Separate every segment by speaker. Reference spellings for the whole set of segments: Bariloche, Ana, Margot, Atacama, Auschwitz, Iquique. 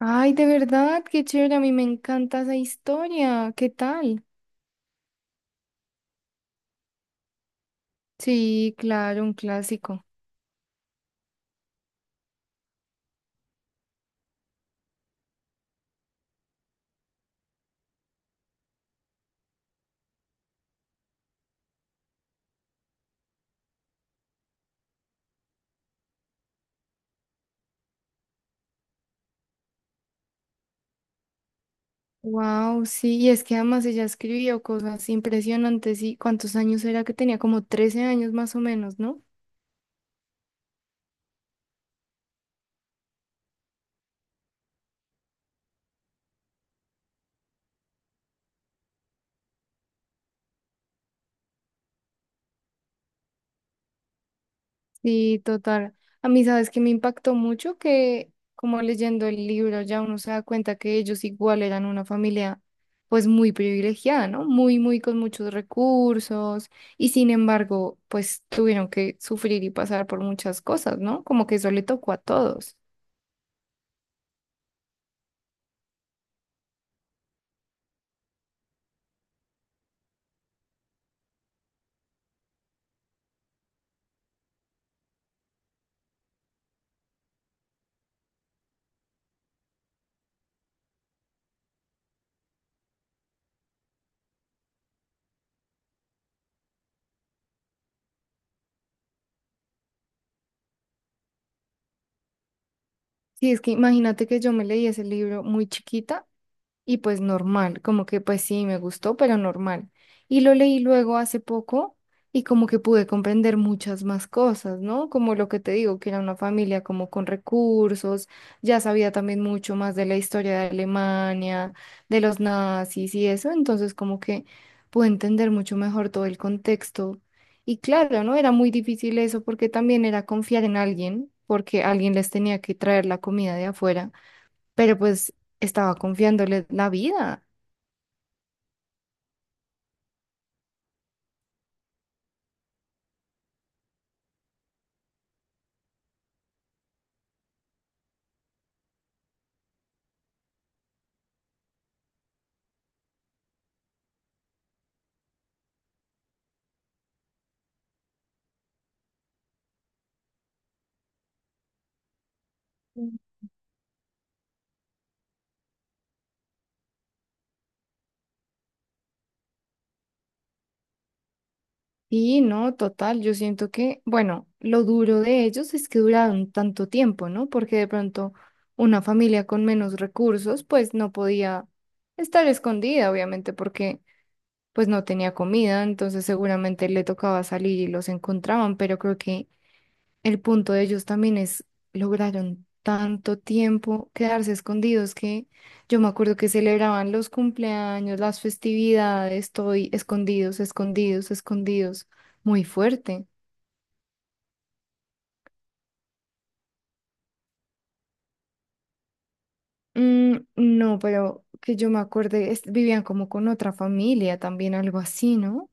Speaker 1: Ay, de verdad, qué chévere, a mí me encanta esa historia. ¿Qué tal? Sí, claro, un clásico. Wow, sí, y es que además ella escribió cosas impresionantes y ¿cuántos años era que tenía? Como 13 años más o menos, ¿no? Sí, total. A mí, sabes que me impactó mucho que, como leyendo el libro, ya uno se da cuenta que ellos igual eran una familia, pues muy privilegiada, ¿no? Muy, muy con muchos recursos y sin embargo, pues tuvieron que sufrir y pasar por muchas cosas, ¿no? Como que eso le tocó a todos. Sí, es que imagínate que yo me leí ese libro muy chiquita y pues normal, como que pues sí, me gustó, pero normal. Y lo leí luego hace poco y como que pude comprender muchas más cosas, ¿no? Como lo que te digo, que era una familia como con recursos, ya sabía también mucho más de la historia de Alemania, de los nazis y eso, entonces como que pude entender mucho mejor todo el contexto. Y claro, ¿no? Era muy difícil eso porque también era confiar en alguien, porque alguien les tenía que traer la comida de afuera, pero pues estaba confiándole la vida. Y no, total, yo siento que, bueno, lo duro de ellos es que duraron tanto tiempo, ¿no? Porque de pronto una familia con menos recursos, pues no podía estar escondida, obviamente, porque pues no tenía comida, entonces seguramente le tocaba salir y los encontraban, pero creo que el punto de ellos también es, lograron tanto tiempo quedarse escondidos que yo me acuerdo que celebraban los cumpleaños, las festividades, estoy escondidos, escondidos, escondidos, muy fuerte. Mm, no, pero que yo me acuerde, vivían como con otra familia también, algo así, ¿no?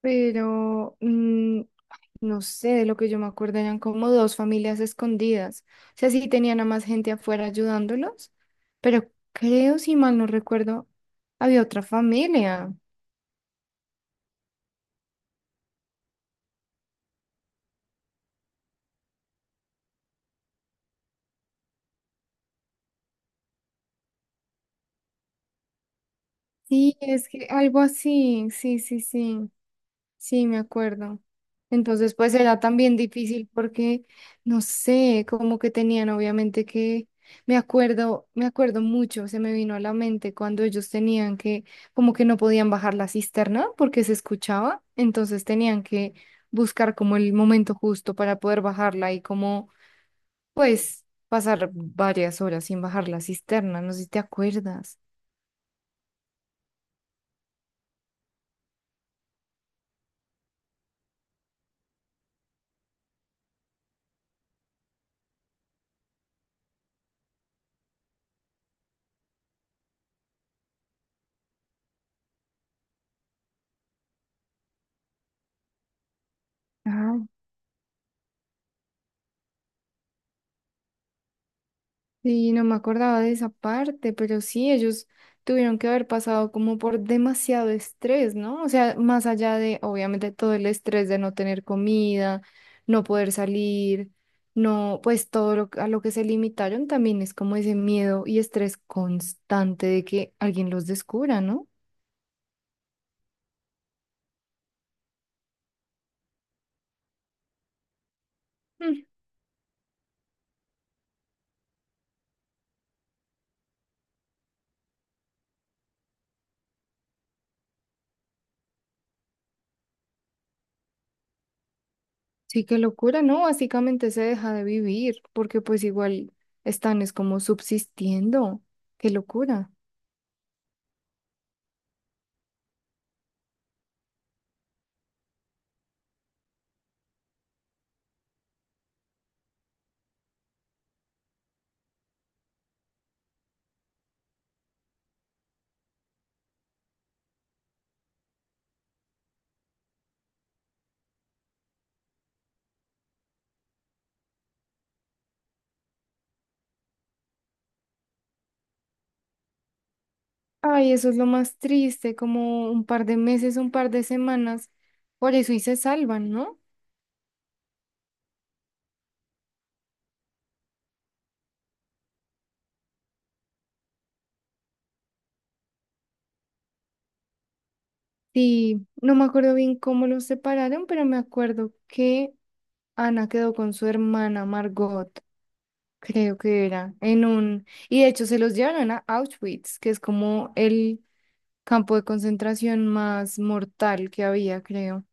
Speaker 1: Pero mm, No sé, de lo que yo me acuerdo eran como dos familias escondidas. O sea, sí tenían a más gente afuera ayudándolos, pero creo, si mal no recuerdo, había otra familia. Sí, es que algo así, sí, sí, sí. Sí, me acuerdo. Entonces, pues era también difícil porque, no sé, como que tenían obviamente que, me acuerdo mucho, se me vino a la mente cuando ellos tenían que, como que no podían bajar la cisterna porque se escuchaba, entonces tenían que buscar como el momento justo para poder bajarla y como, pues, pasar varias horas sin bajar la cisterna, no sé si te acuerdas. Sí, no me acordaba de esa parte, pero sí, ellos tuvieron que haber pasado como por demasiado estrés, ¿no? O sea, más allá de, obviamente, todo el estrés de no tener comida, no poder salir, no, pues todo lo, a lo que se limitaron también es como ese miedo y estrés constante de que alguien los descubra, ¿no? Mm. Sí, qué locura, ¿no? Básicamente se deja de vivir porque pues igual están es como subsistiendo, qué locura. Ay, eso es lo más triste, como un par de meses, un par de semanas. Por eso y se salvan, ¿no? Sí, no me acuerdo bien cómo los separaron, pero me acuerdo que Ana quedó con su hermana Margot, creo que era, en un... Y de hecho se los llevaron a Auschwitz, que es como el campo de concentración más mortal que había, creo.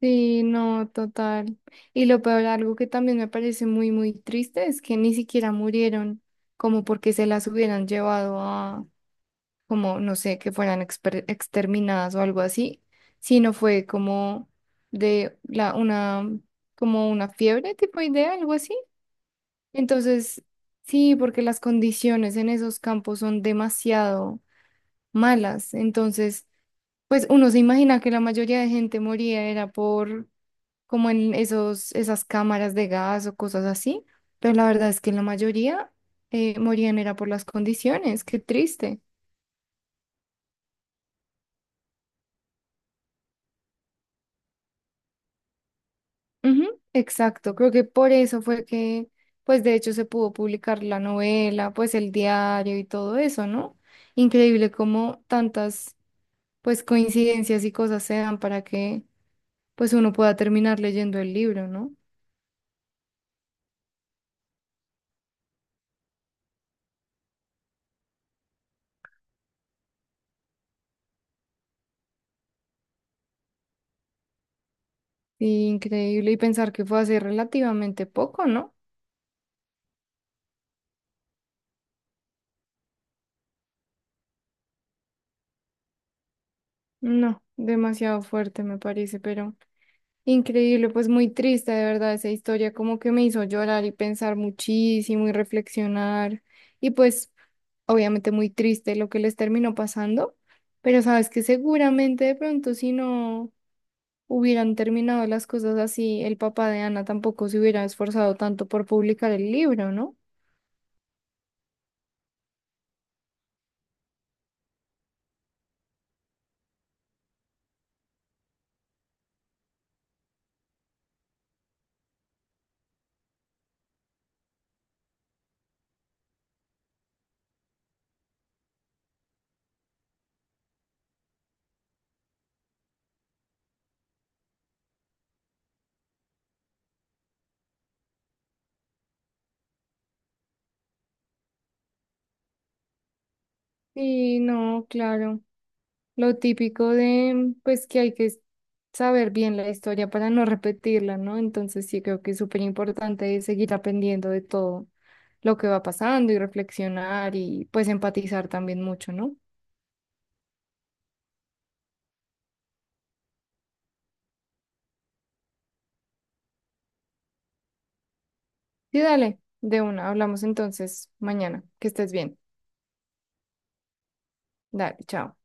Speaker 1: Sí, no, total. Y lo peor, algo que también me parece muy, muy triste es que ni siquiera murieron, como porque se las hubieran llevado a, como, no sé, que fueran exterminadas o algo así, sino fue como de la, una, como una fiebre tipo idea, algo así. Entonces, sí, porque las condiciones en esos campos son demasiado malas. Entonces, pues uno se imagina que la mayoría de gente moría era por como en esos, esas cámaras de gas o cosas así, pero la verdad es que la mayoría morían era por las condiciones, qué triste. Ujú, exacto, creo que por eso fue que, pues de hecho se pudo publicar la novela, pues el diario y todo eso, ¿no? Increíble cómo tantas, pues coincidencias y cosas se dan para que, pues uno pueda terminar leyendo el libro, ¿no? Y increíble y pensar que fue hace relativamente poco, ¿no? No, demasiado fuerte me parece, pero... Increíble, pues muy triste, de verdad, esa historia como que me hizo llorar y pensar muchísimo y reflexionar. Y pues obviamente muy triste lo que les terminó pasando, pero sabes que seguramente de pronto si no hubieran terminado las cosas así, el papá de Ana tampoco se hubiera esforzado tanto por publicar el libro, ¿no? Y no, claro. Lo típico de, pues que hay que saber bien la historia para no repetirla, ¿no? Entonces sí creo que es súper importante seguir aprendiendo de todo lo que va pasando y reflexionar y pues empatizar también mucho, ¿no? Sí, dale, de una, hablamos entonces mañana, que estés bien. Dale, chao.